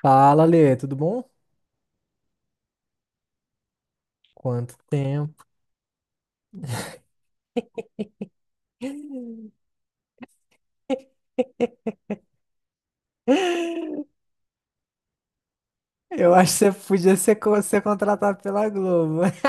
Fala, Lê, tudo bom? Quanto tempo? Eu acho que você podia ser, ser contratado pela Globo.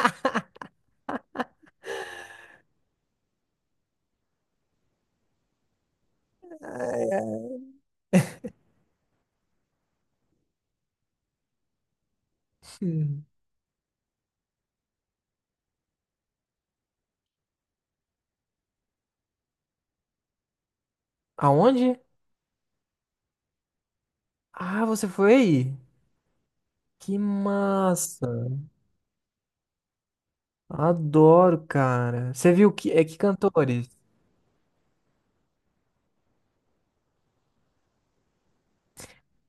Aonde? Ah, você foi aí? Que massa! Adoro, cara. Você viu que é que cantores?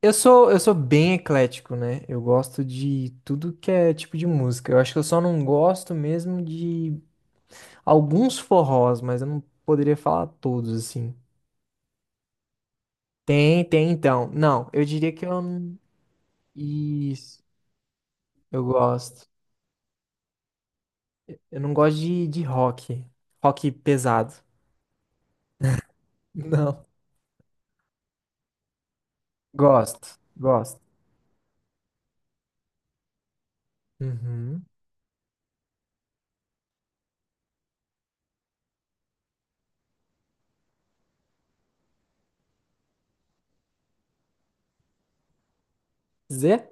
Eu sou bem eclético, né? Eu gosto de tudo que é tipo de música. Eu acho que eu só não gosto mesmo de alguns forrós, mas eu não poderia falar todos assim. Tem, tem então. Não, eu diria que eu. Isso, eu gosto. Eu não gosto de rock. Rock pesado. Não. Gosto, gosto. Uhum. Zé?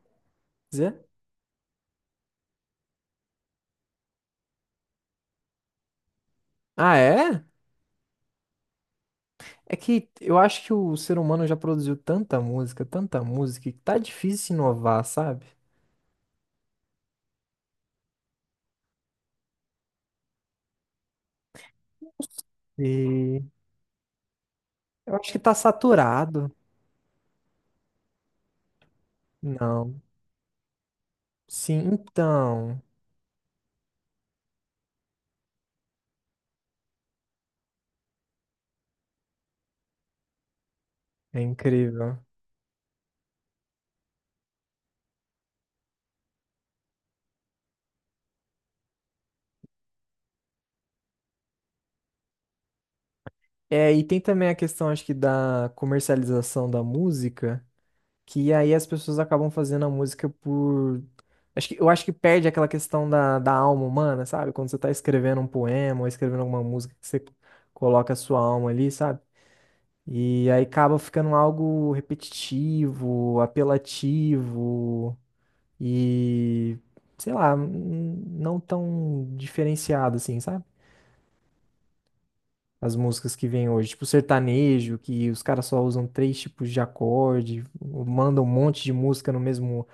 Zé? Ah, é? É que eu acho que o ser humano já produziu tanta música, que tá difícil inovar, sabe? E eu acho que tá saturado. Não. Sim, então. É incrível. É, e tem também a questão, acho que, da comercialização da música. Que aí as pessoas acabam fazendo a música por. Acho que, eu acho que perde aquela questão da alma humana, sabe? Quando você tá escrevendo um poema ou escrevendo alguma música que você coloca a sua alma ali, sabe? E aí acaba ficando algo repetitivo, apelativo e, sei lá, não tão diferenciado assim, sabe? As músicas que vêm hoje, tipo sertanejo, que os caras só usam três tipos de acorde, mandam um monte de música no mesmo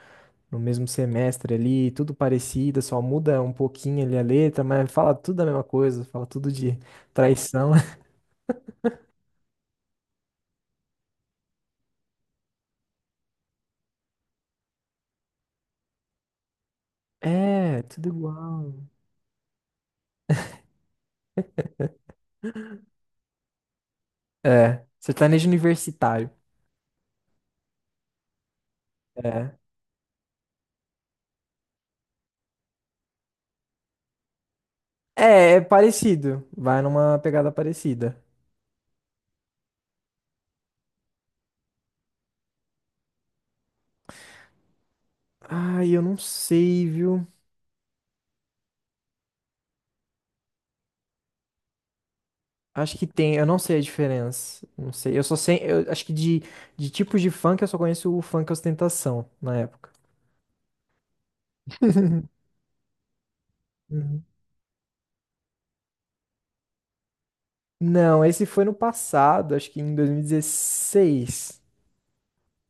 no mesmo semestre ali, tudo parecido, só muda um pouquinho ali a letra, mas fala tudo a mesma coisa, fala tudo de traição. É, tudo igual. É, sertanejo universitário. É. É, é parecido. Vai numa pegada parecida. Ai, eu não sei, viu? Acho que tem, eu não sei a diferença. Não sei. Eu só sei, eu acho que de tipos de funk eu só conheço o funk ostentação na época. Uhum. Não, esse foi no passado, acho que em 2016.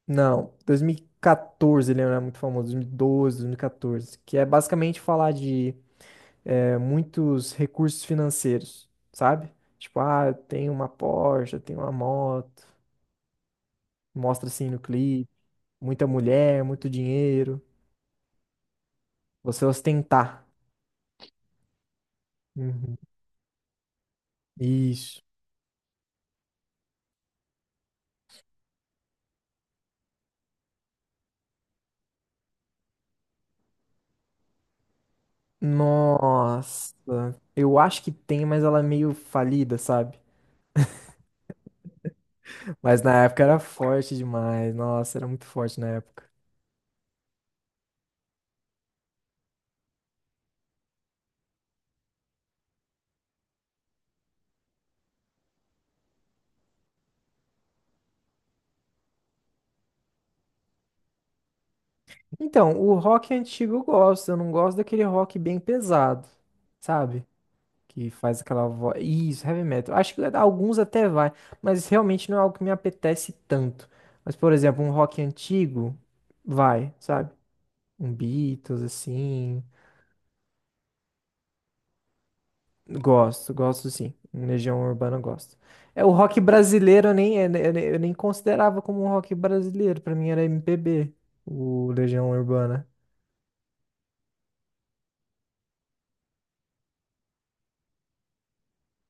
Não, 2014 ele era muito famoso, 2012, 2014, que é basicamente falar de muitos recursos financeiros, sabe? Tipo, ah, eu tenho uma Porsche, eu tenho uma moto, mostra assim no clipe, muita mulher, muito dinheiro, você ostentar. Uhum. Isso. Nossa, eu acho que tem, mas ela é meio falida, sabe? Mas na época era forte demais, nossa, era muito forte na época. Então, o rock antigo eu gosto, eu não gosto daquele rock bem pesado, sabe? Que faz aquela voz. Isso, heavy metal. Acho que alguns até vai, mas realmente não é algo que me apetece tanto. Mas, por exemplo, um rock antigo vai, sabe? Um Beatles, assim. Gosto, gosto sim. Um Legião Urbana eu gosto. É, o rock brasileiro eu nem, eu nem considerava como um rock brasileiro, pra mim era MPB, o Legião Urbana.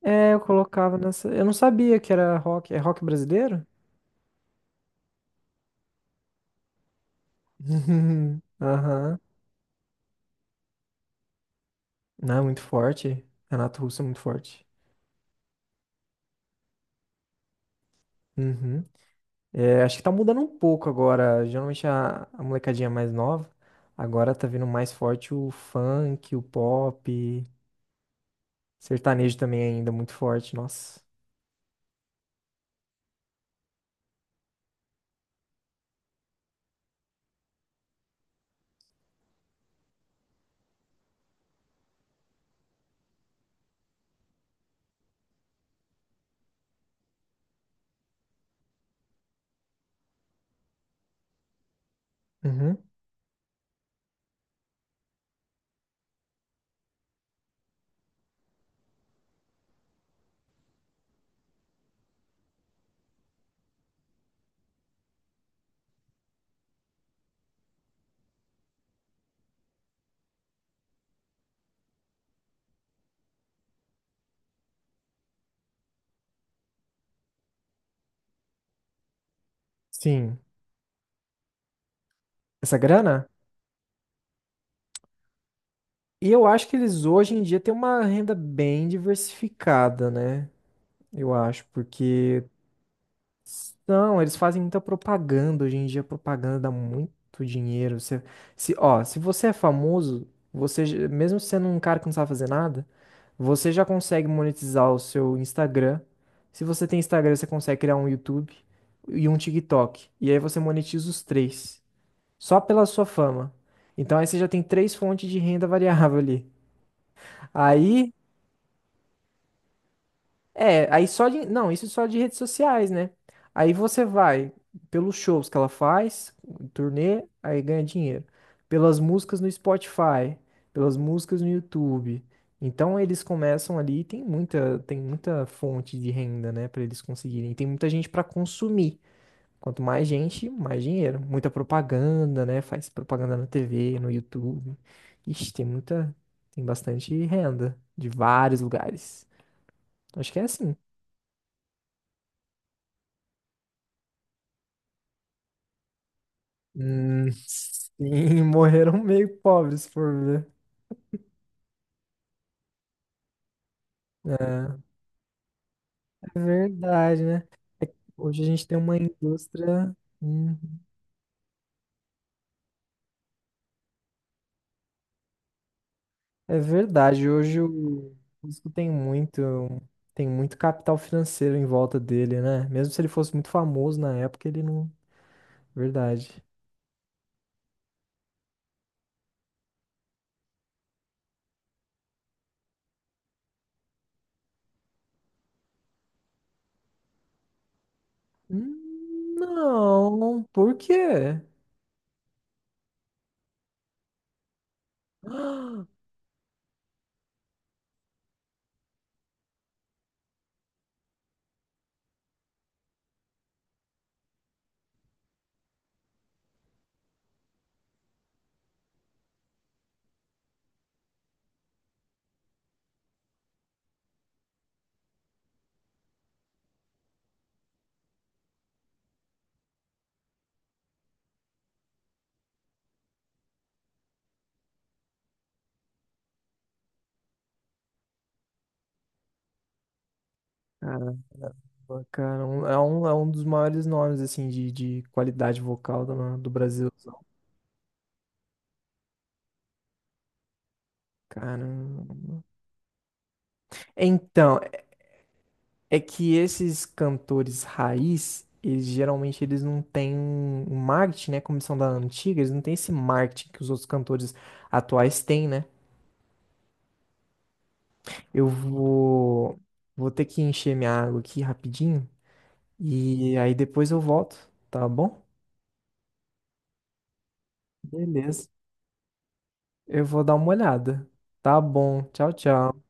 É, eu colocava nessa. Eu não sabia que era rock. É rock brasileiro? Aham. Não, muito forte. Renato Russo é muito forte. Uhum. É, acho que tá mudando um pouco agora. Geralmente a molecadinha mais nova. Agora tá vindo mais forte o funk, o pop. Sertanejo também ainda muito forte, nossa. Uhum. Sim. Essa grana? E eu acho que eles hoje em dia têm uma renda bem diversificada, né? Eu acho, porque não, eles fazem muita propaganda. Hoje em dia, propaganda dá muito dinheiro. Você, se, ó, se você é famoso, você, mesmo sendo um cara que não sabe fazer nada, você já consegue monetizar o seu Instagram. Se você tem Instagram, você consegue criar um YouTube e um TikTok. E aí você monetiza os três, só pela sua fama. Então aí você já tem três fontes de renda variável ali. Aí é, aí só de. Não, isso só de redes sociais, né? Aí você vai pelos shows que ela faz, turnê, aí ganha dinheiro. Pelas músicas no Spotify, pelas músicas no YouTube. Então eles começam ali, e tem muita fonte de renda, né, pra eles conseguirem. Tem muita gente pra consumir. Quanto mais gente, mais dinheiro. Muita propaganda, né? Faz propaganda na TV, no YouTube. Ixi, tem muita, tem bastante renda de vários lugares. Acho que é assim. Sim, morreram meio pobres, por ver. É, é verdade, né? Hoje a gente tem uma indústria. Hum, é verdade. Hoje o músico tem muito capital financeiro em volta dele, né? Mesmo se ele fosse muito famoso na época, ele não. Verdade. Não, por quê? Caramba, cara, é um dos maiores nomes assim de qualidade vocal do, do Brasil. Caramba. Então, é que esses cantores raiz, eles geralmente eles não têm um marketing, né? Como são da antiga, eles não têm esse marketing que os outros cantores atuais têm, né? Eu vou, vou ter que encher minha água aqui rapidinho e aí depois eu volto, tá bom? Beleza. Eu vou dar uma olhada. Tá bom. Tchau, tchau.